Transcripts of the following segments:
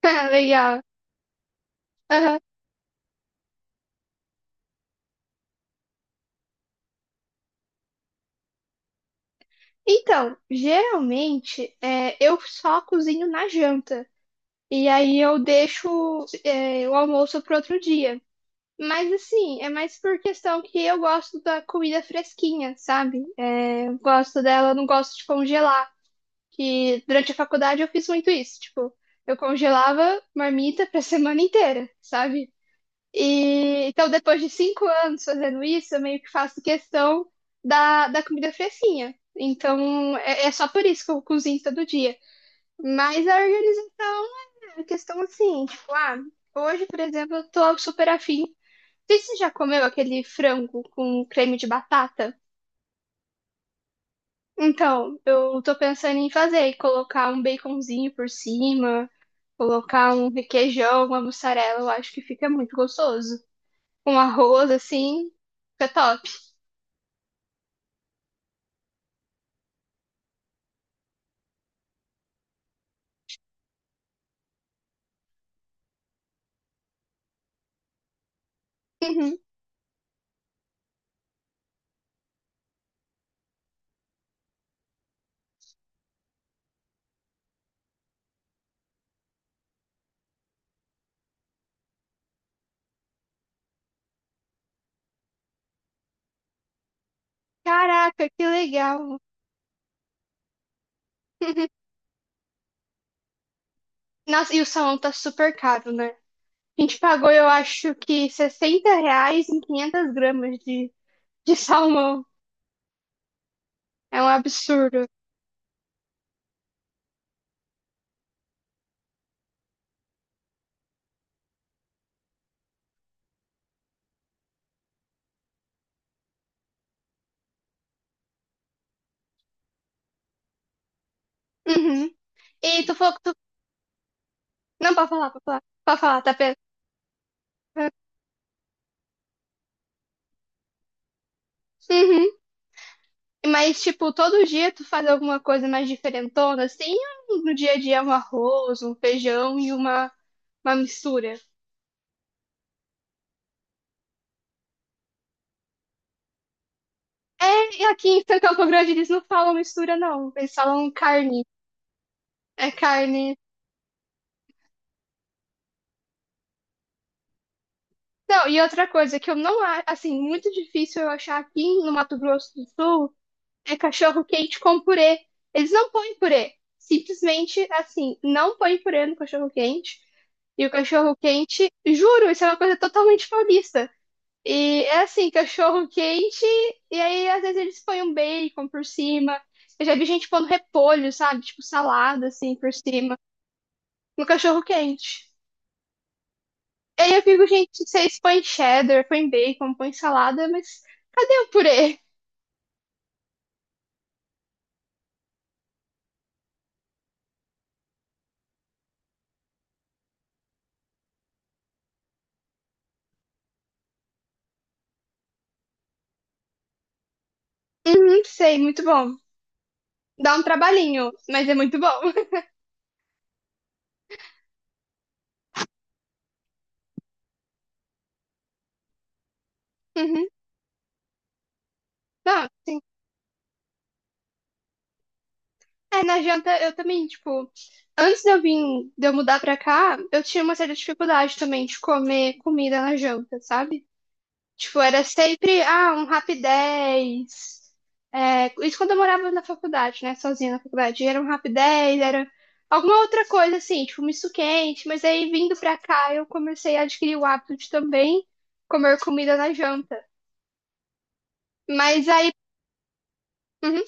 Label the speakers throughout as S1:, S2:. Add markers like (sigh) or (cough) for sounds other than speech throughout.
S1: (laughs) Ah, legal. Aham. Então, geralmente eu só cozinho na janta. E aí eu deixo o almoço para outro dia. Mas assim, é mais por questão que eu gosto da comida fresquinha, sabe? É, eu gosto dela, eu não gosto de congelar. Que durante a faculdade eu fiz muito isso. Tipo, eu congelava marmita pra (laughs) semana inteira, sabe? E então, depois de 5 anos fazendo isso, eu meio que faço questão da comida fresquinha. Então, é só por isso que eu cozinho todo dia. Mas a organização é questão assim, tipo, ah, hoje, por exemplo, eu tô super afim. Não sei se você já comeu aquele frango com creme de batata. Então, eu tô pensando em fazer e colocar um baconzinho por cima, colocar um requeijão, uma mussarela, eu acho que fica muito gostoso, com arroz assim, fica top. Uhum. Caraca, que legal. (laughs) Nossa, e o salmão tá super caro, né? A gente pagou, eu acho que R$ 60 em 500 gramas de salmão. É um absurdo. Uhum. E tu falou que tu... Não, pode falar, pode falar. Pode falar, tá pena. Uhum. Mas, tipo, todo dia tu faz alguma coisa mais diferentona, assim? Ou no dia a dia é um arroz, um feijão e uma mistura. É, e aqui em Campo Grande eles não falam mistura, não. Eles falam carne. É carne. Não, e outra coisa que eu não acho, assim, muito difícil eu achar aqui no Mato Grosso do Sul é cachorro quente com purê. Eles não põem purê. Simplesmente, assim, não põem purê no cachorro quente. E o cachorro quente, juro, isso é uma coisa totalmente paulista. E é assim, cachorro quente, e aí às vezes eles põem um bacon por cima. Eu já vi gente pondo repolho, sabe? Tipo salada, assim, por cima, no cachorro quente. Aí eu fico, gente, vocês põem cheddar, põem bacon, põem salada, mas cadê o purê? Uhum, sei, muito bom. Dá um trabalhinho, mas é muito bom. (laughs) Uhum. Não, sim. É, na janta eu também, tipo, antes de eu vir, de eu mudar pra cá, eu tinha uma certa dificuldade também de comer comida na janta, sabe? Tipo, era sempre, ah, um Rapidez. É, isso quando eu morava na faculdade, né? Sozinha na faculdade. Era um Rapidez, era alguma outra coisa, assim, tipo, um misto quente. Mas aí, vindo pra cá, eu comecei a adquirir o hábito de também comer comida na janta. Mas aí, uhum,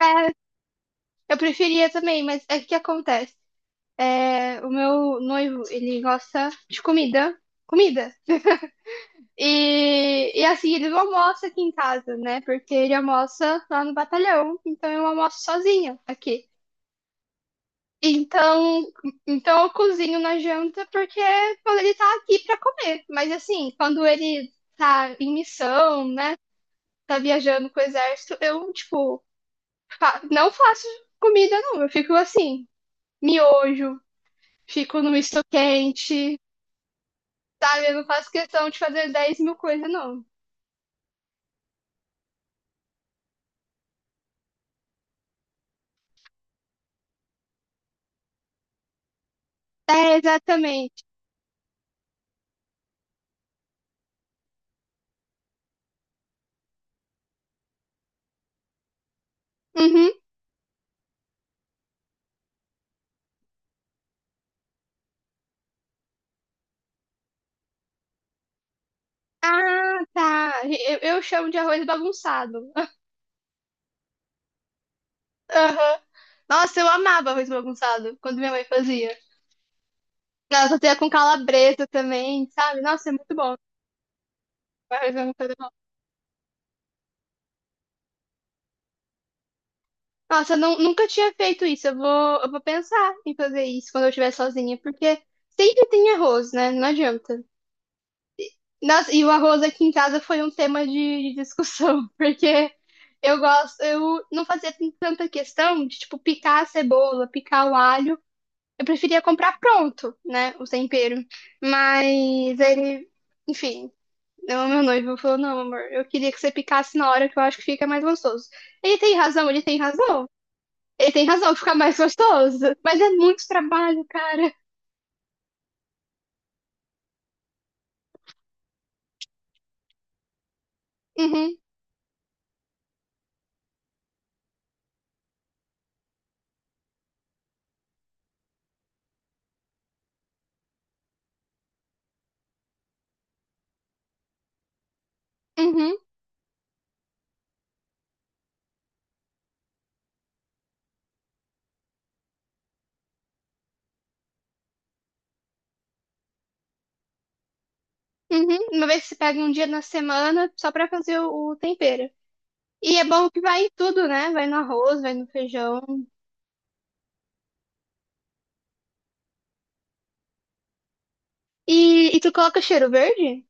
S1: é, eu preferia também, mas é o que acontece. É, o meu noivo, ele gosta de comida. Comida. E assim, ele não almoça aqui em casa, né? Porque ele almoça lá no batalhão, então eu almoço sozinha aqui. Então, então, eu cozinho na janta porque quando ele tá aqui pra comer. Mas assim, quando ele tá em missão, né? Tá viajando com o exército, eu, tipo, não faço comida, não. Eu fico assim, miojo, fico no misto quente, sabe? Eu não faço questão de fazer 10 mil coisas, não. É, exatamente. Uhum. Ah, tá. Eu chamo de arroz bagunçado. (laughs) Aham. Nossa, eu amava arroz bagunçado quando minha mãe fazia. Ela fazia com calabresa também, sabe? Nossa, é muito bom. Arroz bagunçado é bom. Nossa, eu não, nunca tinha feito isso. Eu vou pensar em fazer isso quando eu estiver sozinha, porque sempre tem arroz, né? Não adianta. Nossa, e o arroz aqui em casa foi um tema de discussão, (laughs) porque eu gosto, eu não fazia tanta questão de, tipo, picar a cebola, picar o alho. Eu preferia comprar pronto, né? O tempero. Mas ele, enfim, o meu noivo falou: não, amor, eu queria que você picasse na hora que eu acho que fica mais gostoso. Ele tem razão, ele tem razão. Ele tem razão, (laughs) fica mais gostoso. Mas é muito trabalho, cara. Uhum, uhum, uhum. Uma vez que você pega um dia na semana só pra fazer o tempero. E é bom que vai em tudo, né? Vai no arroz, vai no feijão. E, e tu coloca cheiro verde?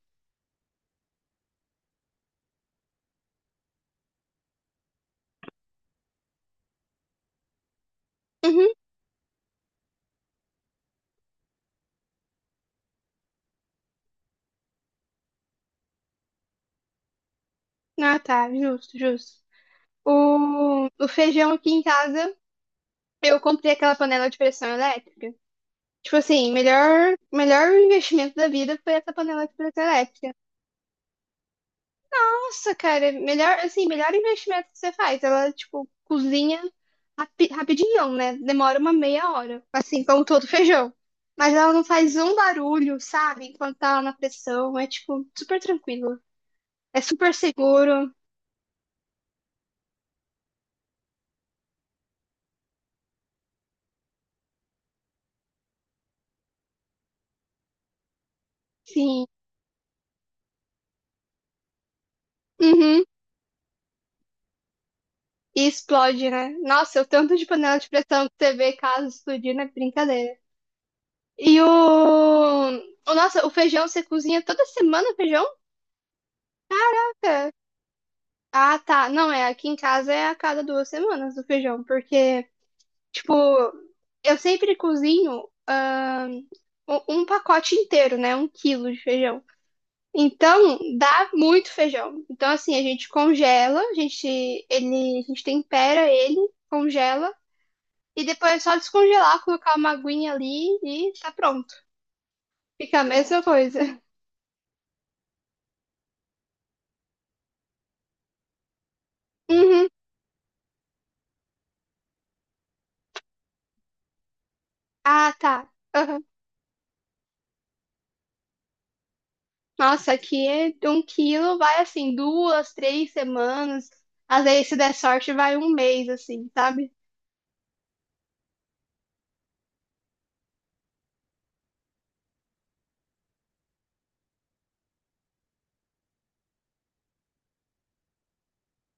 S1: Uhum. Ah, tá, justo, justo. O feijão aqui em casa, eu comprei aquela panela de pressão elétrica. Tipo assim, melhor, melhor investimento da vida foi essa panela de pressão elétrica. Nossa, cara, melhor, assim, melhor investimento que você faz. Ela, tipo, cozinha rapidinho, né? Demora uma meia hora, assim, como todo feijão. Mas ela não faz um barulho, sabe? Enquanto tá lá na pressão. É, tipo, super tranquilo. É super seguro. Sim. Uhum. E explode, né? Nossa, o tanto de panela de pressão que você vê caso explodir não é brincadeira. E o. Nossa, o feijão você cozinha toda semana o feijão? Café? Ah, tá. Não, é. Aqui em casa é a cada 2 semanas o feijão, porque, tipo, eu sempre cozinho um pacote inteiro, né? 1 quilo de feijão. Então, dá muito feijão. Então, assim, a gente congela, a gente, ele, a gente tempera ele, congela. E depois é só descongelar, colocar uma aguinha ali e tá pronto. Fica a mesma coisa. Uhum. Ah, tá. Aham. Nossa, aqui é de 1 quilo, vai assim, 2, 3 semanas. Às vezes, se der sorte, vai um mês, assim, sabe?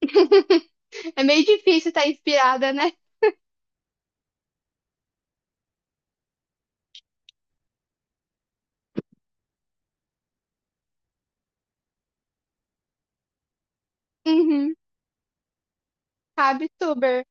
S1: (laughs) É meio difícil estar inspirada, né? Uhum. Cabe tuber.